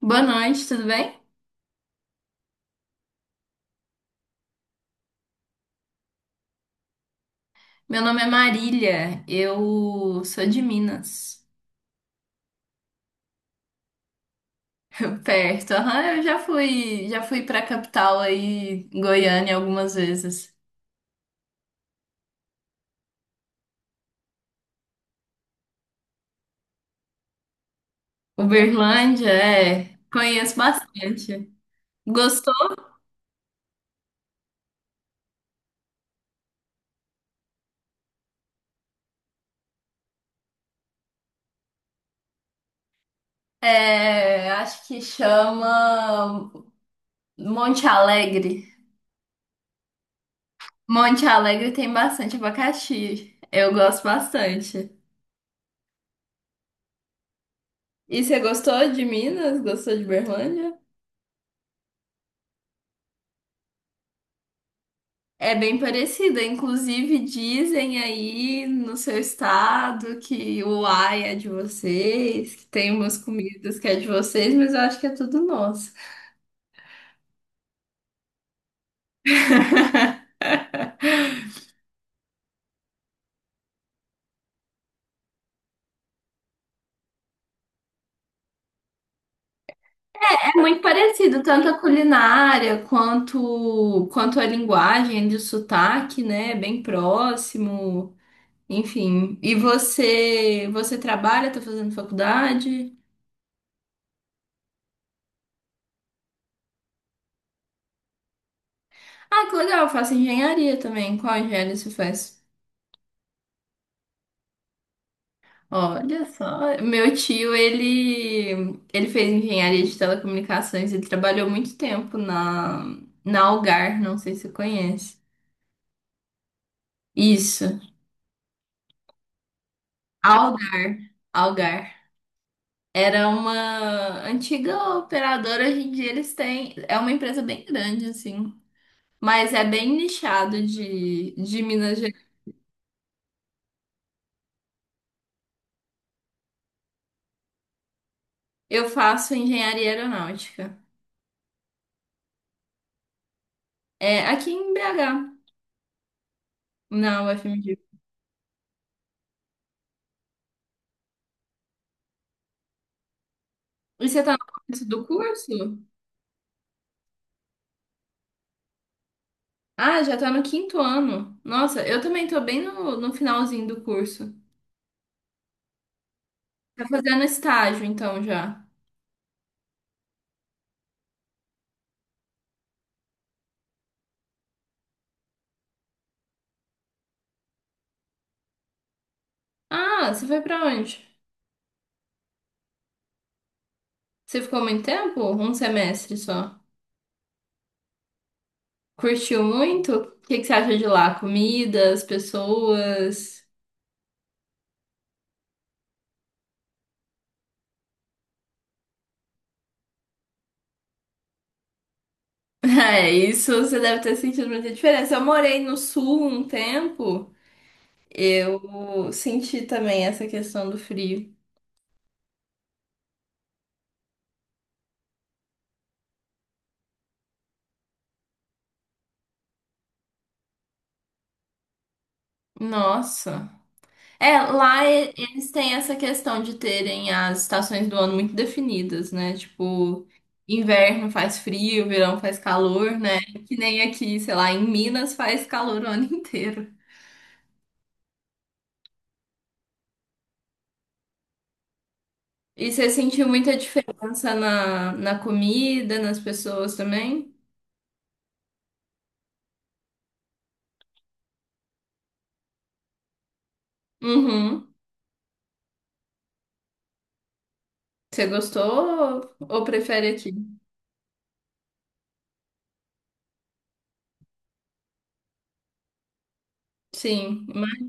Boa noite, tudo bem? Meu nome é Marília, eu sou de Minas, perto. Aham, eu já fui para capital aí, Goiânia, algumas vezes. Uberlândia, é, conheço bastante. Gostou? É, acho que chama Monte Alegre. Monte Alegre tem bastante abacaxi. Eu gosto bastante. E você gostou de Minas? Gostou de Uberlândia? É bem parecida, inclusive dizem aí no seu estado que o ai é de vocês, que tem umas comidas que é de vocês, mas eu acho que é tudo nosso. É muito parecido, tanto a culinária quanto, a linguagem de sotaque, né? É bem próximo, enfim. E você, você trabalha, tá fazendo faculdade? Ah, que legal, eu faço engenharia também. Qual engenharia você faz? Olha só, meu tio, ele, fez engenharia de telecomunicações, ele trabalhou muito tempo na Algar, não sei se você conhece. Isso, Algar, Algar. Era uma antiga operadora, hoje em dia eles têm, é uma empresa bem grande, assim, mas é bem nichado de, Minas Gerais. Eu faço engenharia aeronáutica, é aqui em BH, na UFMG. E você tá no começo do curso? Ah, já tá no quinto ano. Nossa, eu também tô bem no finalzinho do curso. Tá fazendo estágio, então, já. Ah, você foi pra onde? Você ficou muito tempo? Um semestre só. Curtiu muito? O que que você acha de lá? Comidas, pessoas? É, isso você deve ter sentido muita diferença. Eu morei no sul um tempo, eu senti também essa questão do frio. Nossa. É, eles têm essa questão de terem as estações do ano muito definidas, né? Tipo, inverno faz frio, verão faz calor, né? Que nem aqui, sei lá, em Minas faz calor o ano inteiro. E você sentiu muita diferença na, comida, nas pessoas também? Uhum. Você gostou ou prefere aqui? Sim. Mas,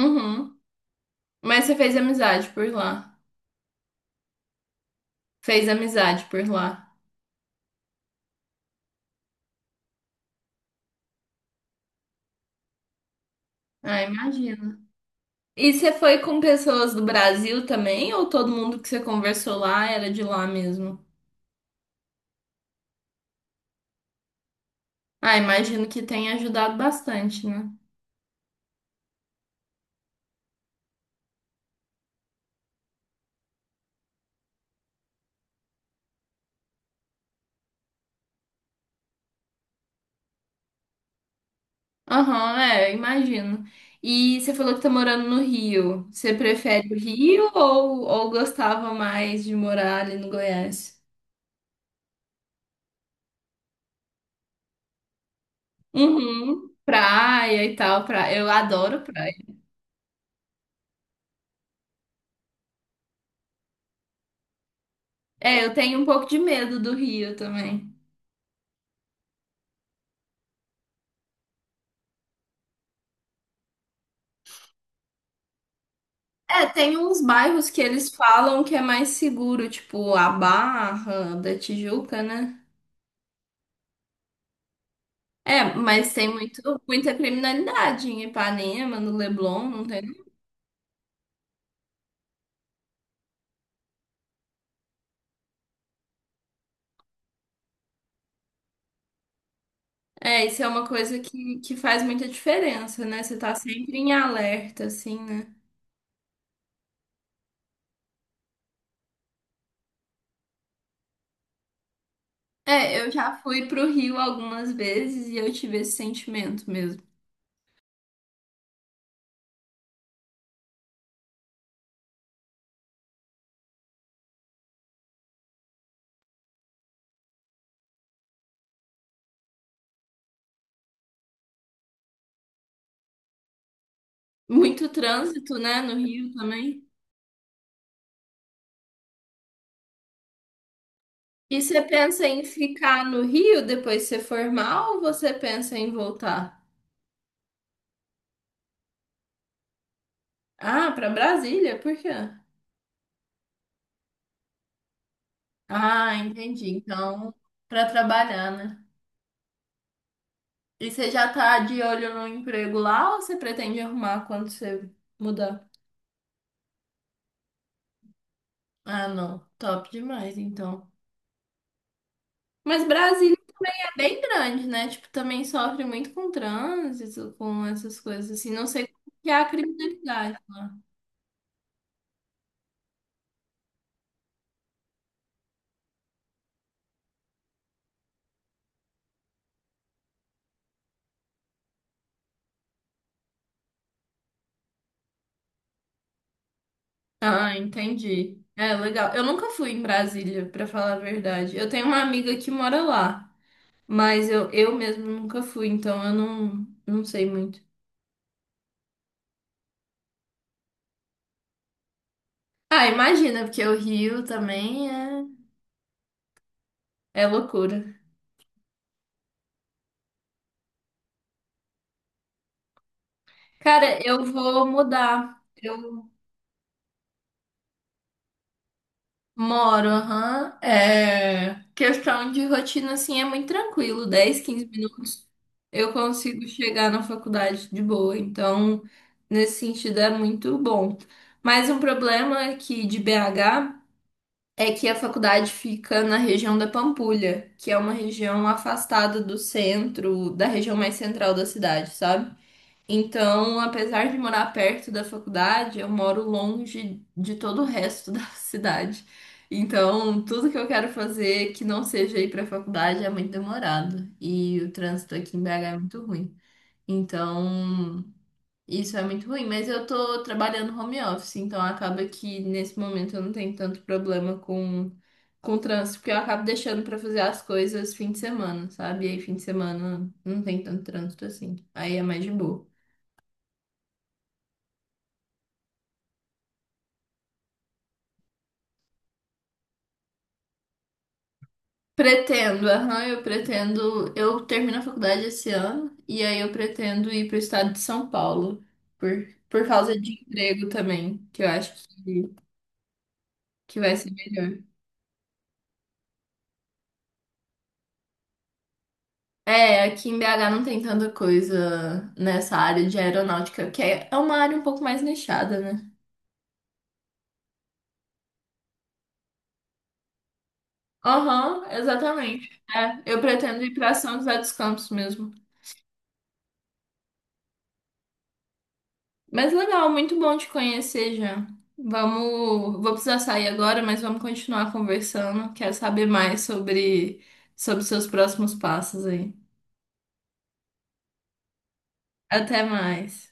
uhum. Mas você fez amizade por lá. Fez amizade por lá. Ah, imagina. E você foi com pessoas do Brasil também, ou todo mundo que você conversou lá era de lá mesmo? Ah, imagino que tenha ajudado bastante, né? Aham, é, imagino. E você falou que tá morando no Rio. Você prefere o Rio ou, gostava mais de morar ali no Goiás? Uhum, praia e tal, praia. Eu adoro praia. É, eu tenho um pouco de medo do Rio também. É, tem uns bairros que eles falam que é mais seguro, tipo a Barra da Tijuca, né? É, mas tem muito, muita criminalidade em Ipanema, no Leblon, não tem? É, isso é uma coisa que faz muita diferença, né? Você tá sempre em alerta, assim, né? É, eu já fui pro Rio algumas vezes e eu tive esse sentimento mesmo. Muito trânsito, né, no Rio também. E você pensa em ficar no Rio depois de se formar ou você pensa em voltar? Ah, pra Brasília, por quê? Ah, entendi. Então, pra trabalhar, né? E você já tá de olho no emprego lá ou você pretende arrumar quando você mudar? Ah, não. Top demais, então. Mas Brasília é bem grande, né? Tipo, também sofre muito com trânsito, com essas coisas assim. Não sei como que é a criminalidade. Ah, entendi. É legal. Eu nunca fui em Brasília, pra falar a verdade. Eu tenho uma amiga que mora lá, mas eu mesmo nunca fui, então eu não, não sei muito. Ah, imagina, porque o Rio também é, é loucura. Cara, eu vou mudar. Eu moro, aham. É, questão de rotina, assim, é muito tranquilo. 10, 15 minutos eu consigo chegar na faculdade de boa. Então, nesse sentido, é muito bom. Mas um problema aqui de BH é que a faculdade fica na região da Pampulha, que é uma região afastada do centro, da região mais central da cidade, sabe? Então, apesar de morar perto da faculdade, eu moro longe de todo o resto da cidade. Então, tudo que eu quero fazer que não seja ir para a faculdade é muito demorado. E o trânsito aqui em BH é muito ruim. Então, isso é muito ruim. Mas eu tô trabalhando home office, então acaba que nesse momento eu não tenho tanto problema com, o trânsito, porque eu acabo deixando para fazer as coisas fim de semana, sabe? E aí, fim de semana não tem tanto trânsito assim. Aí é mais de boa. Pretendo, aham, eu pretendo. Eu termino a faculdade esse ano e aí eu pretendo ir para o estado de São Paulo por, por, causa de emprego também, que eu acho que vai ser melhor. É, aqui em BH não tem tanta coisa nessa área de aeronáutica, que é uma área um pouco mais nichada, né? Aham, exatamente. É, eu pretendo ir para São José dos Campos mesmo. Mas legal, muito bom te conhecer já. Vamos, vou precisar sair agora, mas vamos continuar conversando. Quero saber mais sobre seus próximos passos aí. Até mais.